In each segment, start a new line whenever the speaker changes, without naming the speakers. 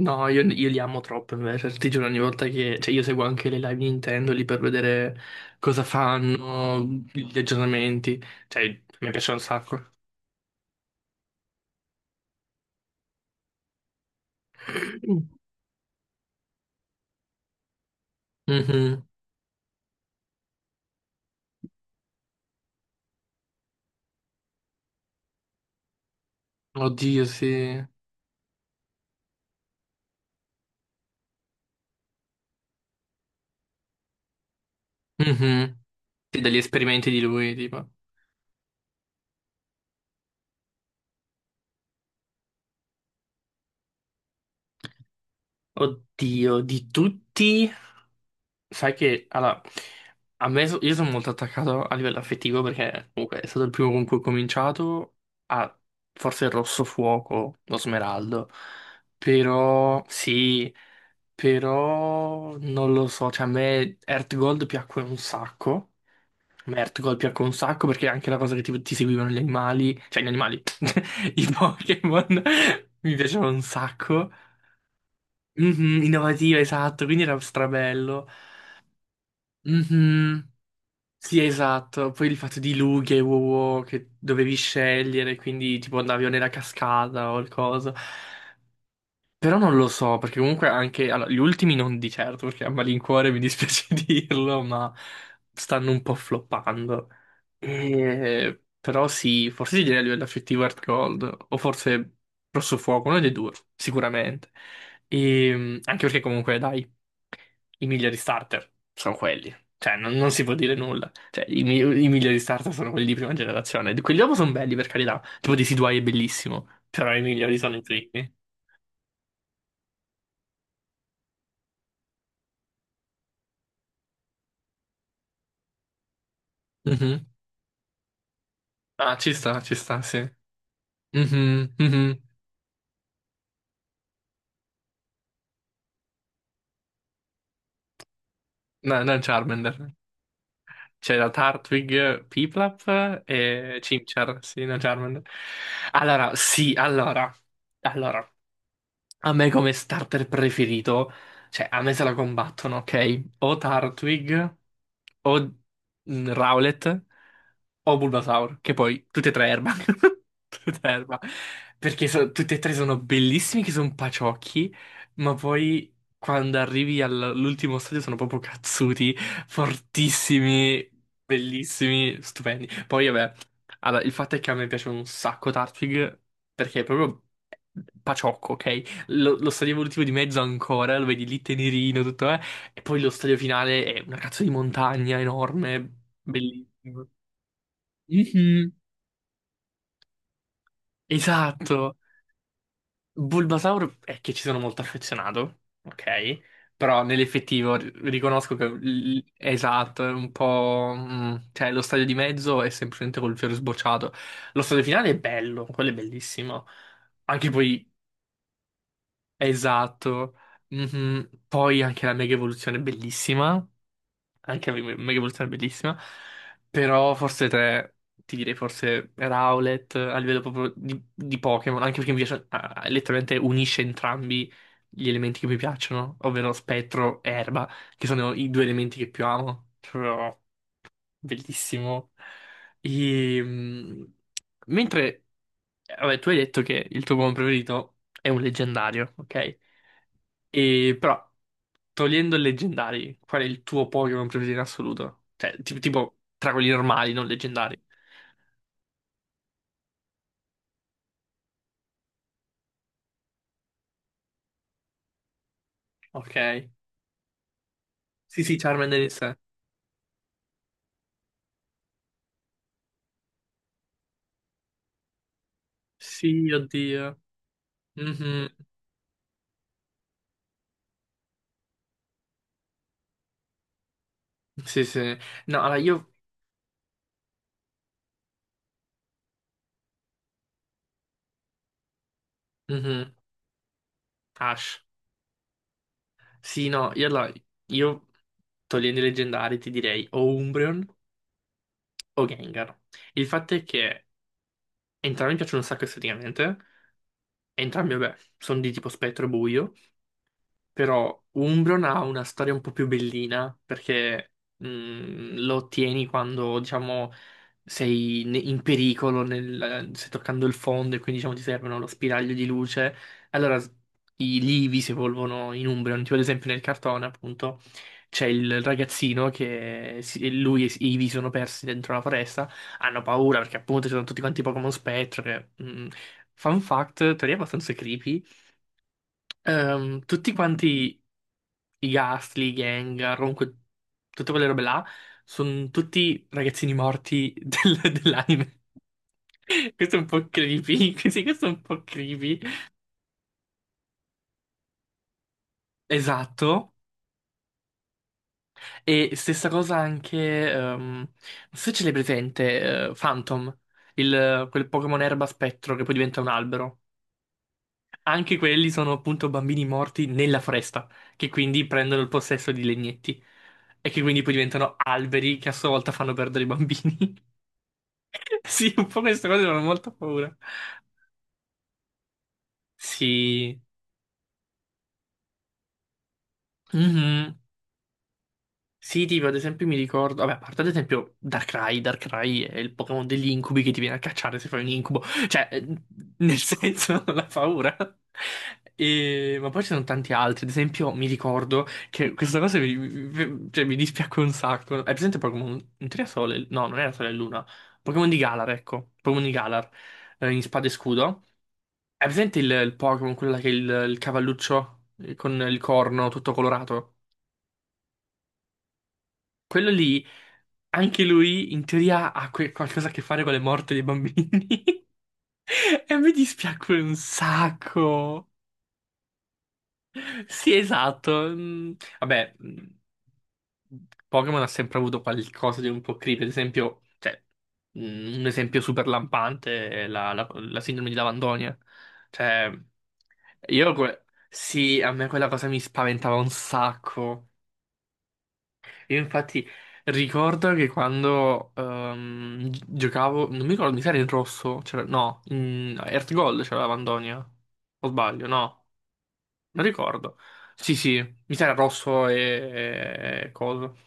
No, io li amo troppo invece, ti giuro ogni volta che... Cioè, io seguo anche le live Nintendo lì per vedere cosa fanno, gli aggiornamenti, cioè mi piace un sacco. Mhm. Oddio, sì. Mhm. Sì, degli esperimenti di lui, tipo. Oddio, di tutti... Sai che allora, io sono molto attaccato a livello affettivo perché comunque è stato il primo con cui ho cominciato a forse il rosso fuoco, lo smeraldo. Però sì, però non lo so, cioè a me Earthgold piacque un sacco. A me Earthgold piacque un sacco perché anche la cosa che ti seguivano gli animali, cioè gli animali, i Pokémon mi piacevano un sacco. Mhm, innovativa, esatto, quindi era strabello. Mhm. Sì, esatto. Poi il fatto di lughe e wow wow che dovevi scegliere, quindi tipo andavi o nella cascata o il coso. Però non lo so, perché comunque anche allora, gli ultimi non di certo, perché a malincuore mi dispiace dirlo, ma stanno un po' floppando. Però sì, forse ti direi a livello affettivo Heart Gold, o forse Rosso Fuoco, uno dei due, sicuramente. Anche perché comunque, dai, i migliori starter sono quelli. Cioè, non si può dire nulla. Cioè, i migliori starter sono quelli di prima generazione. Quelli dopo sono belli, per carità. Tipo di Decidueye è bellissimo, però i migliori sono i primi. Mhm. Ah, ci sta, sì. Mhm, mhm. No, non Charmander. C'era Turtwig, Piplup e Chimchar, sì, non Charmander. Allora, sì, allora. Allora, A me come starter preferito, cioè a me se la combattono, ok? O Turtwig, o Rowlet, o Bulbasaur, che poi tutte e tre erba. Tutte e tre erba. Perché tutte e tre sono bellissimi, che sono paciocchi, ma poi quando arrivi all'ultimo stadio sono proprio cazzuti, fortissimi, bellissimi, stupendi. Poi vabbè, allora, il fatto è che a me piace un sacco Turtwig, perché è proprio paciocco, ok? Lo stadio evolutivo di mezzo ancora, lo vedi lì tenerino, tutto, eh? E poi lo stadio finale è una cazzo di montagna enorme, bellissimo. Mhm, esatto. Bulbasaur è che ci sono molto affezionato, ok? Però nell'effettivo riconosco che è esatto, è un po' cioè lo stadio di mezzo è semplicemente col fiore sbocciato. Lo stadio finale è bello, quello è bellissimo. Anche poi, esatto. Mhm. Poi anche la mega evoluzione è bellissima. Anche Megavoluzione è bellissima, però forse tre, ti direi forse Rowlet a livello proprio di, Pokémon, anche perché mi piace, letteralmente unisce entrambi gli elementi che mi piacciono, ovvero spettro e erba, che sono i due elementi che più amo. Bellissimo. E, mentre, vabbè, tu hai detto che il tuo Pokémon preferito è un leggendario, ok? E però, togliendo i leggendari, qual è il tuo Pokémon preferito in assoluto? Cioè, tipo tra quelli normali, non leggendari. Ok. Sì, sì, Charmander in sé. Sì, oddio. Mhm. Sì, sì. No, allora io... Mhm. Ash. Sì, no, io allora... Io, togliendo i leggendari, ti direi o Umbreon, o Gengar. Il fatto è che entrambi mi piacciono un sacco esteticamente, entrambi, vabbè, sono di tipo spettro e buio, però Umbron ha una storia un po' più bellina perché lo ottieni quando, diciamo, sei in pericolo, stai toccando il fondo e quindi, diciamo, ti servono lo spiraglio di luce. Allora i livi si evolvono in Umbron. Tipo, ad esempio, nel cartone, appunto, c'è il ragazzino che lui e Ivy sono persi dentro la foresta. Hanno paura perché, appunto, ci sono tutti quanti Pokémon spettro che... Fun fact, teoria abbastanza creepy. Tutti quanti i Gastly, i Gengar, comunque tutte quelle robe là, sono tutti ragazzini morti dell'anime. Questo è un po' creepy, sì, questo è un po' creepy. Esatto. E stessa cosa anche, non so se ce l'hai presente, Phantom, quel Pokémon erba spettro che poi diventa un albero. Anche quelli sono appunto bambini morti nella foresta, che quindi prendono il possesso di legnetti e che quindi poi diventano alberi che a sua volta fanno perdere i bambini. Sì, un po' queste cose fanno molta paura. Sì. Mhm. Sì, tipo, ad esempio mi ricordo, vabbè, a parte ad esempio Darkrai, Darkrai è il Pokémon degli incubi che ti viene a cacciare se fai un incubo, cioè, nel senso, la paura. Ma poi ci sono tanti altri, ad esempio mi ricordo che questa cosa mi, cioè, mi dispiacque un sacco. Hai presente Pokémon, in teoria Sole, no, non era Sole e Luna, Pokémon di Galar, ecco, Pokémon di Galar, in Spada e Scudo? Hai presente il, Pokémon, quella che è il cavalluccio con il corno tutto colorato? Quello lì, anche lui, in teoria, ha qualcosa a che fare con le morte dei bambini. E mi dispiace un sacco. Sì, esatto. Vabbè, Pokémon ha sempre avuto qualcosa di un po' creepy. Ad esempio, cioè, un esempio super lampante è la, la sindrome di Lavandonia. Cioè, sì, a me quella cosa mi spaventava un sacco. Io, infatti, ricordo che quando giocavo, non mi ricordo, mi sa era in rosso, no, in Earth Gold c'era Lavandonia. O sbaglio, no? Non ricordo. Sì, sì, mi sa rosso e coso.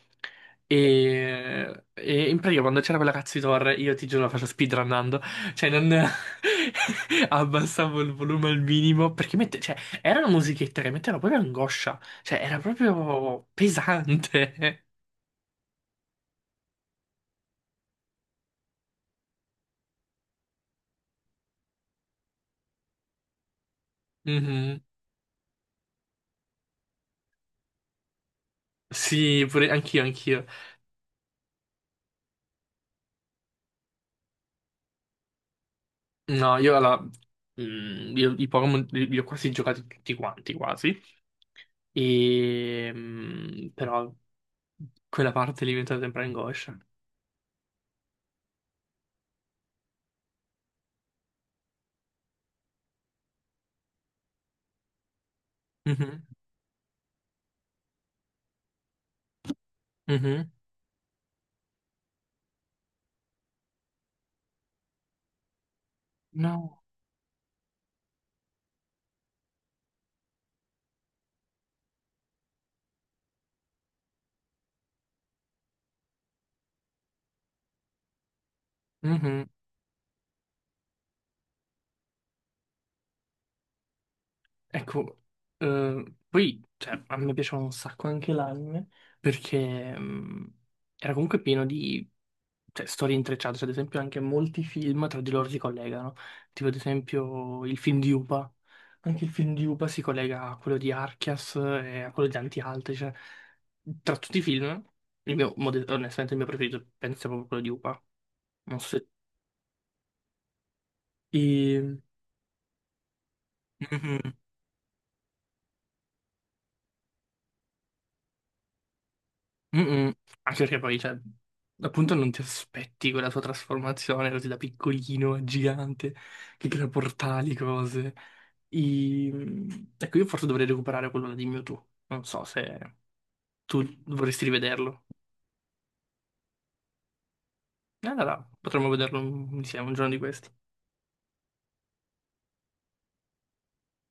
E in pratica quando c'era quella cazzo di torre, io ti giuro la faccio speedrunnando. Cioè, non abbassavo il volume al minimo. Perché mette... cioè, era una musichetta che metteva proprio angoscia. Cioè, era proprio pesante. Mhm. Sì, pure anch'io, anch'io. No, io, i Pokémon li ho quasi giocati tutti quanti, quasi. E, però quella parte lì mi è diventata sempre angoscia. Mhm, mhm. No. Mhm. Ecco, poi cioè, a me piaceva un sacco anche l'anime perché era comunque pieno di, cioè, storie intrecciate, cioè, ad esempio anche molti film tra di loro si collegano, tipo ad esempio il film di Upa, anche il film di Upa si collega a quello di Archias e a quello di Anti-Alte, cioè tra tutti i film, onestamente il mio preferito penso sia proprio quello di Upa, non so se... E... Mm-mm. Anche perché poi, cioè, appunto non ti aspetti quella sua trasformazione così da piccolino a gigante che crea portali, cose. Ecco, io forse dovrei recuperare quello di Mewtwo. Non so se tu vorresti rivederlo. Allora, potremmo vederlo insieme un giorno di questi.